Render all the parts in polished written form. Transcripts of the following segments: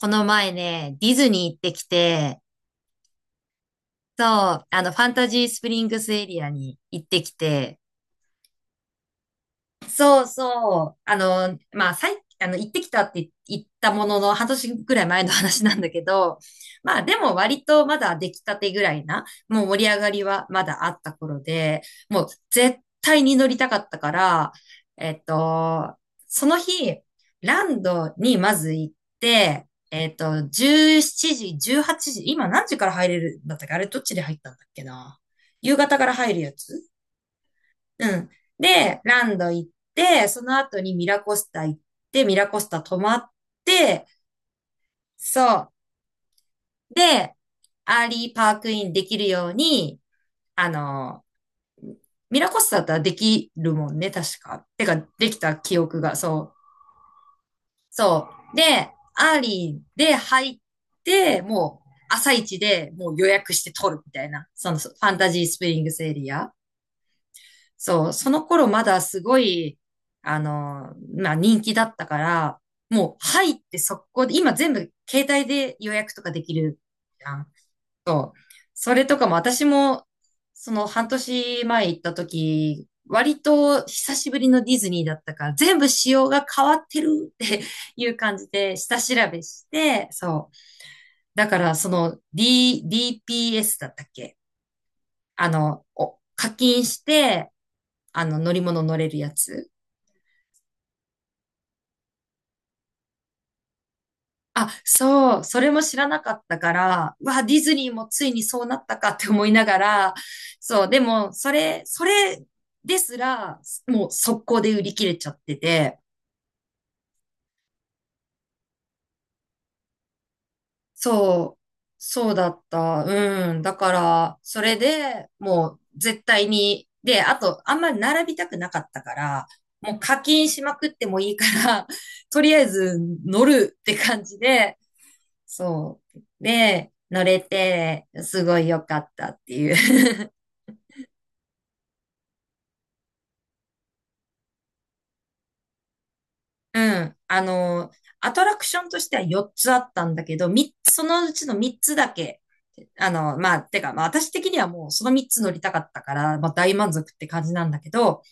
この前ね、ディズニー行ってきて、そう、ファンタジースプリングスエリアに行ってきて、そうそう。まあ、最、あの、行ってきたって言ったものの、半年ぐらい前の話なんだけど、まあ、でも割とまだ出来たてぐらいな、もう盛り上がりはまだあった頃で、もう絶対に乗りたかったから、えっと、その日、ランドにまず行って、17時、18時、今何時から入れるんだったっけ？あれどっちで入ったんだっけな。夕方から入るやつ。うん。で、ランド行って、その後にミラコスタ行って、ミラコスタ泊まって、そう。で、アーリーパークインできるように、あの、ミラコスタだったらできるもんね、確か。てか、できた記憶が、そう。そう。で、アーリーで入って、もう、朝一でもう予約して取るみたいな、そのファンタジースプリングスエリア。そう、その頃まだすごい、まあ人気だったから、もう入って速攻で、今全部携帯で予約とかできるじゃん。そう。それとかも私も、その半年前行った時、割と久しぶりのディズニーだったから、全部仕様が変わってるって いう感じで下調べして、そう。だからその D、DPS だったっけ？お課金して、あの乗り物乗れるやつ。あ、そう、それも知らなかったから、うわ、ディズニーもついにそうなったかって思いながら、そう、でも、それですら、もう速攻で売り切れちゃってて、そう、そうだった、うん。だから、それでもう絶対に、で、あと、あんまり並びたくなかったから、もう課金しまくってもいいから、とりあえず乗るって感じで、そう。で、乗れて、すごい良かったっていう。うん。あの、アトラクションとしては4つあったんだけど、3つ、そのうちの3つだけ、まあ、私的にはもうその3つ乗りたかったから、まあ、大満足って感じなんだけど、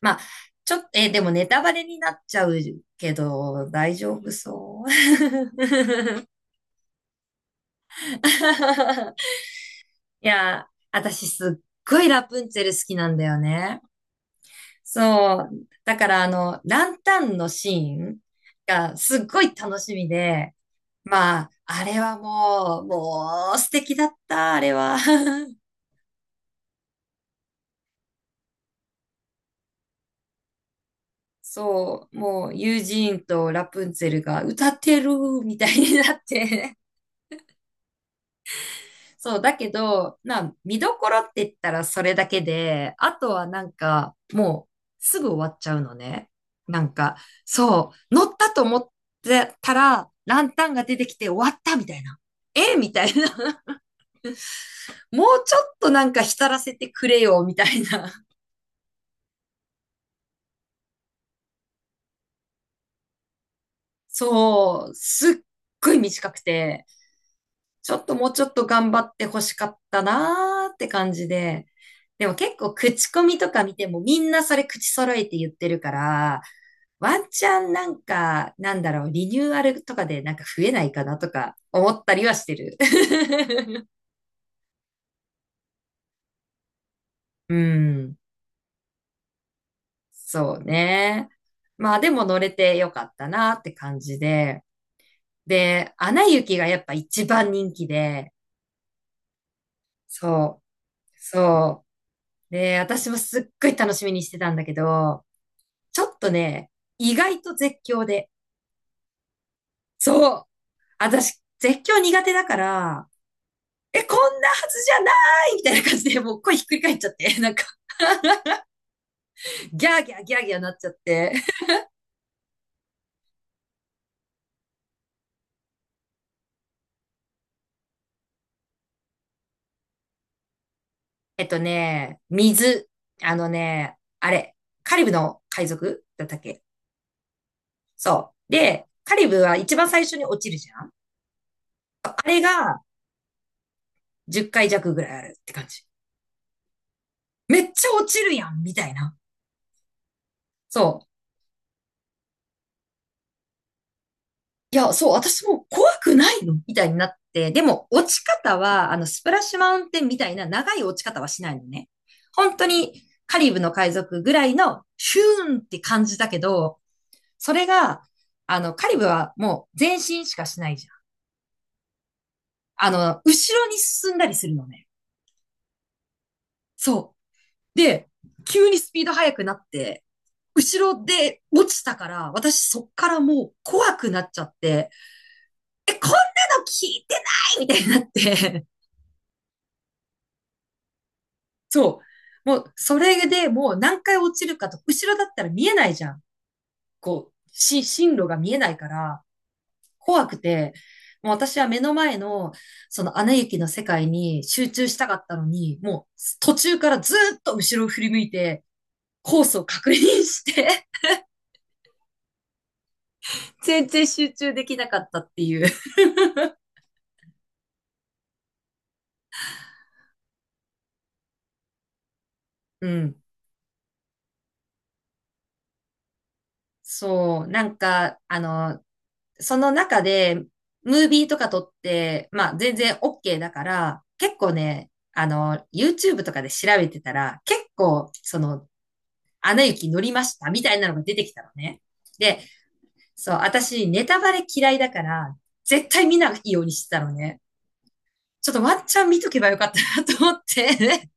まあ、ちょっと、でもネタバレになっちゃうけど、大丈夫そう？ いや、私すっごいラプンツェル好きなんだよね。そう。だから、ランタンのシーンがすっごい楽しみで、まあ、あれはもう、もう素敵だった、あれは。そう、もう、ユージーンとラプンツェルが歌ってるみたいになって、そう、だけど、見どころって言ったらそれだけで、あとはなんか、もうすぐ終わっちゃうのね。なんか、そう、乗ったと思ってたら、ランタンが出てきて終わったみたいな。えみたいな。もうちょっとなんか浸らせてくれよ、みたいな。そう、すっごい短くて。ちょっともうちょっと頑張って欲しかったなーって感じで。でも結構口コミとか見てもみんなそれ口揃えて言ってるから、ワンチャンなんか、なんだろう、リニューアルとかでなんか増えないかなとか思ったりはしてる。うん。そうね。まあでも乗れてよかったなって感じで。で、アナ雪がやっぱ一番人気で、そう、そう。で、私もすっごい楽しみにしてたんだけど、ちょっとね、意外と絶叫で。そう。私、絶叫苦手だから、え、こんなはずじゃないみたいな感じで、もう声ひっくり返っちゃって、なんか、ギャーギャーギャーギャーなっちゃって。えっとね、水。あのね、あれ、カリブの海賊だったっけ？そう。で、カリブは一番最初に落ちるじゃん。あれが10回弱ぐらいあるって感じ。めっちゃ落ちるやんみたいな。そう。いや、そう、私も怖くないのみたいになって、でも落ち方は、スプラッシュマウンテンみたいな長い落ち方はしないのね。本当にカリブの海賊ぐらいのシューンって感じだけど、それが、カリブはもう前進しかしないじゃん。後ろに進んだりするのね。そう。で、急にスピード速くなって、後ろで落ちたから、私そっからもう怖くなっちゃって、え、こんなの聞いてないみたいになって、そう。もう、それでもう何回落ちるかと、後ろだったら見えないじゃん。こう、進路が見えないから、怖くて、もう私は目の前の、その、アナ雪の世界に集中したかったのに、もう、途中からずーっと後ろを振り向いて、コースを確認して、 全然集中できなかったっていう。うん。そう。なんか、その中で、ムービーとか撮って、まあ全然 OK だから、結構ね、YouTube とかで調べてたら、結構、その、アナ雪乗りましたみたいなのが出てきたのね。で、そう、私、ネタバレ嫌いだから、絶対見ないようにしてたのね。ちょっとワンチャン見とけばよかったなと思って。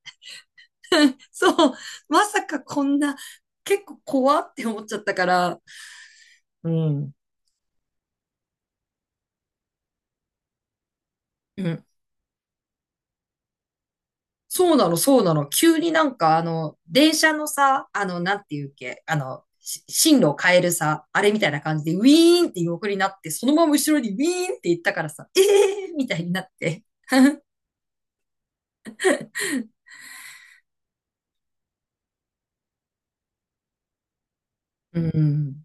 そう、まさかこんな、結構怖って思っちゃったから、うん、うん、そうなの、そうなの。急になんか、電車のさ、なんていうっけ、進路を変えるさ、あれみたいな感じで、ウィーンって横になって、そのまま後ろにウィーンって行ったからさ、ええー、みたいになって。うん。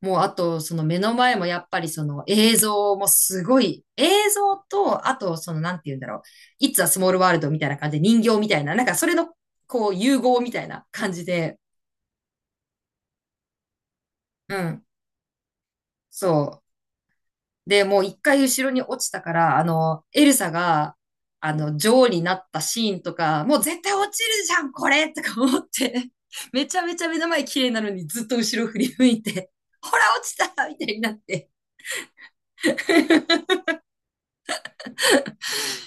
もう、あと、その目の前もやっぱりその映像もすごい、映像と、あと、その、なんて言うんだろう。It's a small world みたいな感じで、人形みたいな、なんかそれの、こう、融合みたいな感じで、うん。そう。で、もう一回後ろに落ちたから、エルサが、女王になったシーンとか、もう絶対落ちるじゃん、これとか思って、めちゃめちゃ目の前綺麗なのにずっと後ろ振り向いて、ほら、落ちたみたいになって。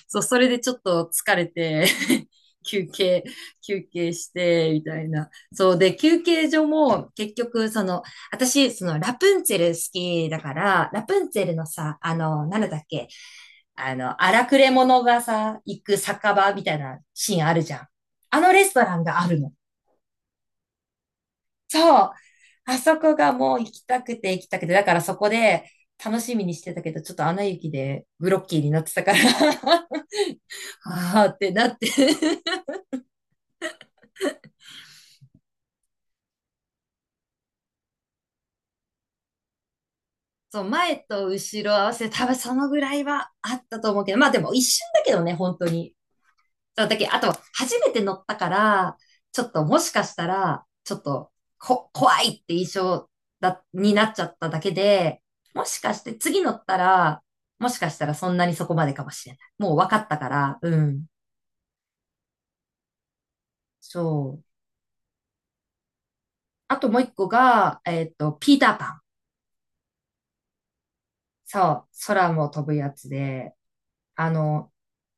そう、それでちょっと疲れて、 休憩、休憩して、みたいな。そう、で、休憩所も、結局、その、私、その、ラプンツェル好きだから、ラプンツェルのさ、なんだっけ、荒くれ者がさ、行く酒場みたいなシーンあるじゃん。あのレストランがあるの。そう。あそこがもう行きたくて行きたくて、だからそこで楽しみにしてたけど、ちょっとアナ雪でグロッキーになってたから、 ああってなって。 そう、前と後ろ合わせて多分そのぐらいはあったと思うけど、まあでも一瞬だけどね、本当に。そう、だけあと、初めて乗ったから、ちょっともしかしたら、ちょっと、怖いって印象になっちゃっただけで、もしかして次乗ったら、もしかしたらそんなにそこまでかもしれない。もう分かったから、うん。そう。あともう一個が、えっと、ピーターパン。そう、空も飛ぶやつで、あの、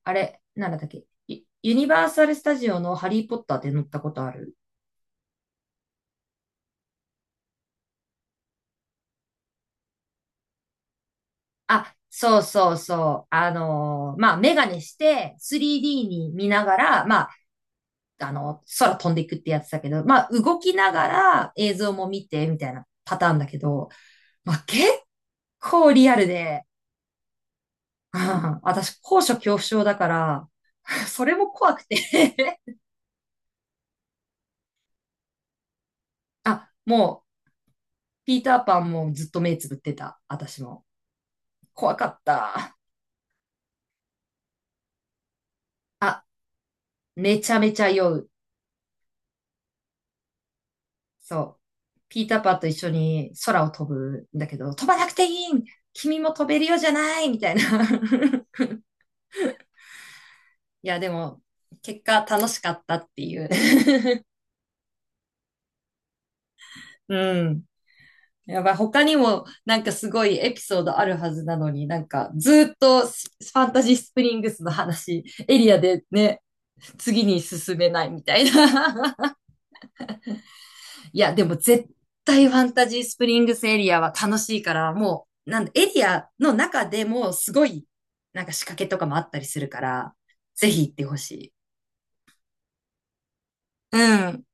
あれ、なんだったっけ、ユニバーサルスタジオのハリーポッターで乗ったことある？あ、そうそうそう。あのーまあ、メガネして 3D に見ながら、まあ、空飛んでいくってやつだけど、まあ、動きながら映像も見て、みたいなパターンだけど、まあ、結構リアルで、うん、私、高所恐怖症だから、それも怖くて。 あ、もう、ピーターパンもずっと目つぶってた。私も。怖かった。あ、めちゃめちゃ酔う。そう。ピーターパンと一緒に空を飛ぶんだけど、飛ばなくていい、君も飛べるようじゃないみたいな。いや、でも、結果楽しかったっていう。うん。やばい。他にもなんかすごいエピソードあるはずなのに、なんかずーっとファンタジースプリングスの話、エリアでね、次に進めないみたいな。いや、でも絶対ファンタジースプリングスエリアは楽しいから、もう、なんだ、エリアの中でもすごい、なんか仕掛けとかもあったりするから、ぜひ行ってほしい。うん。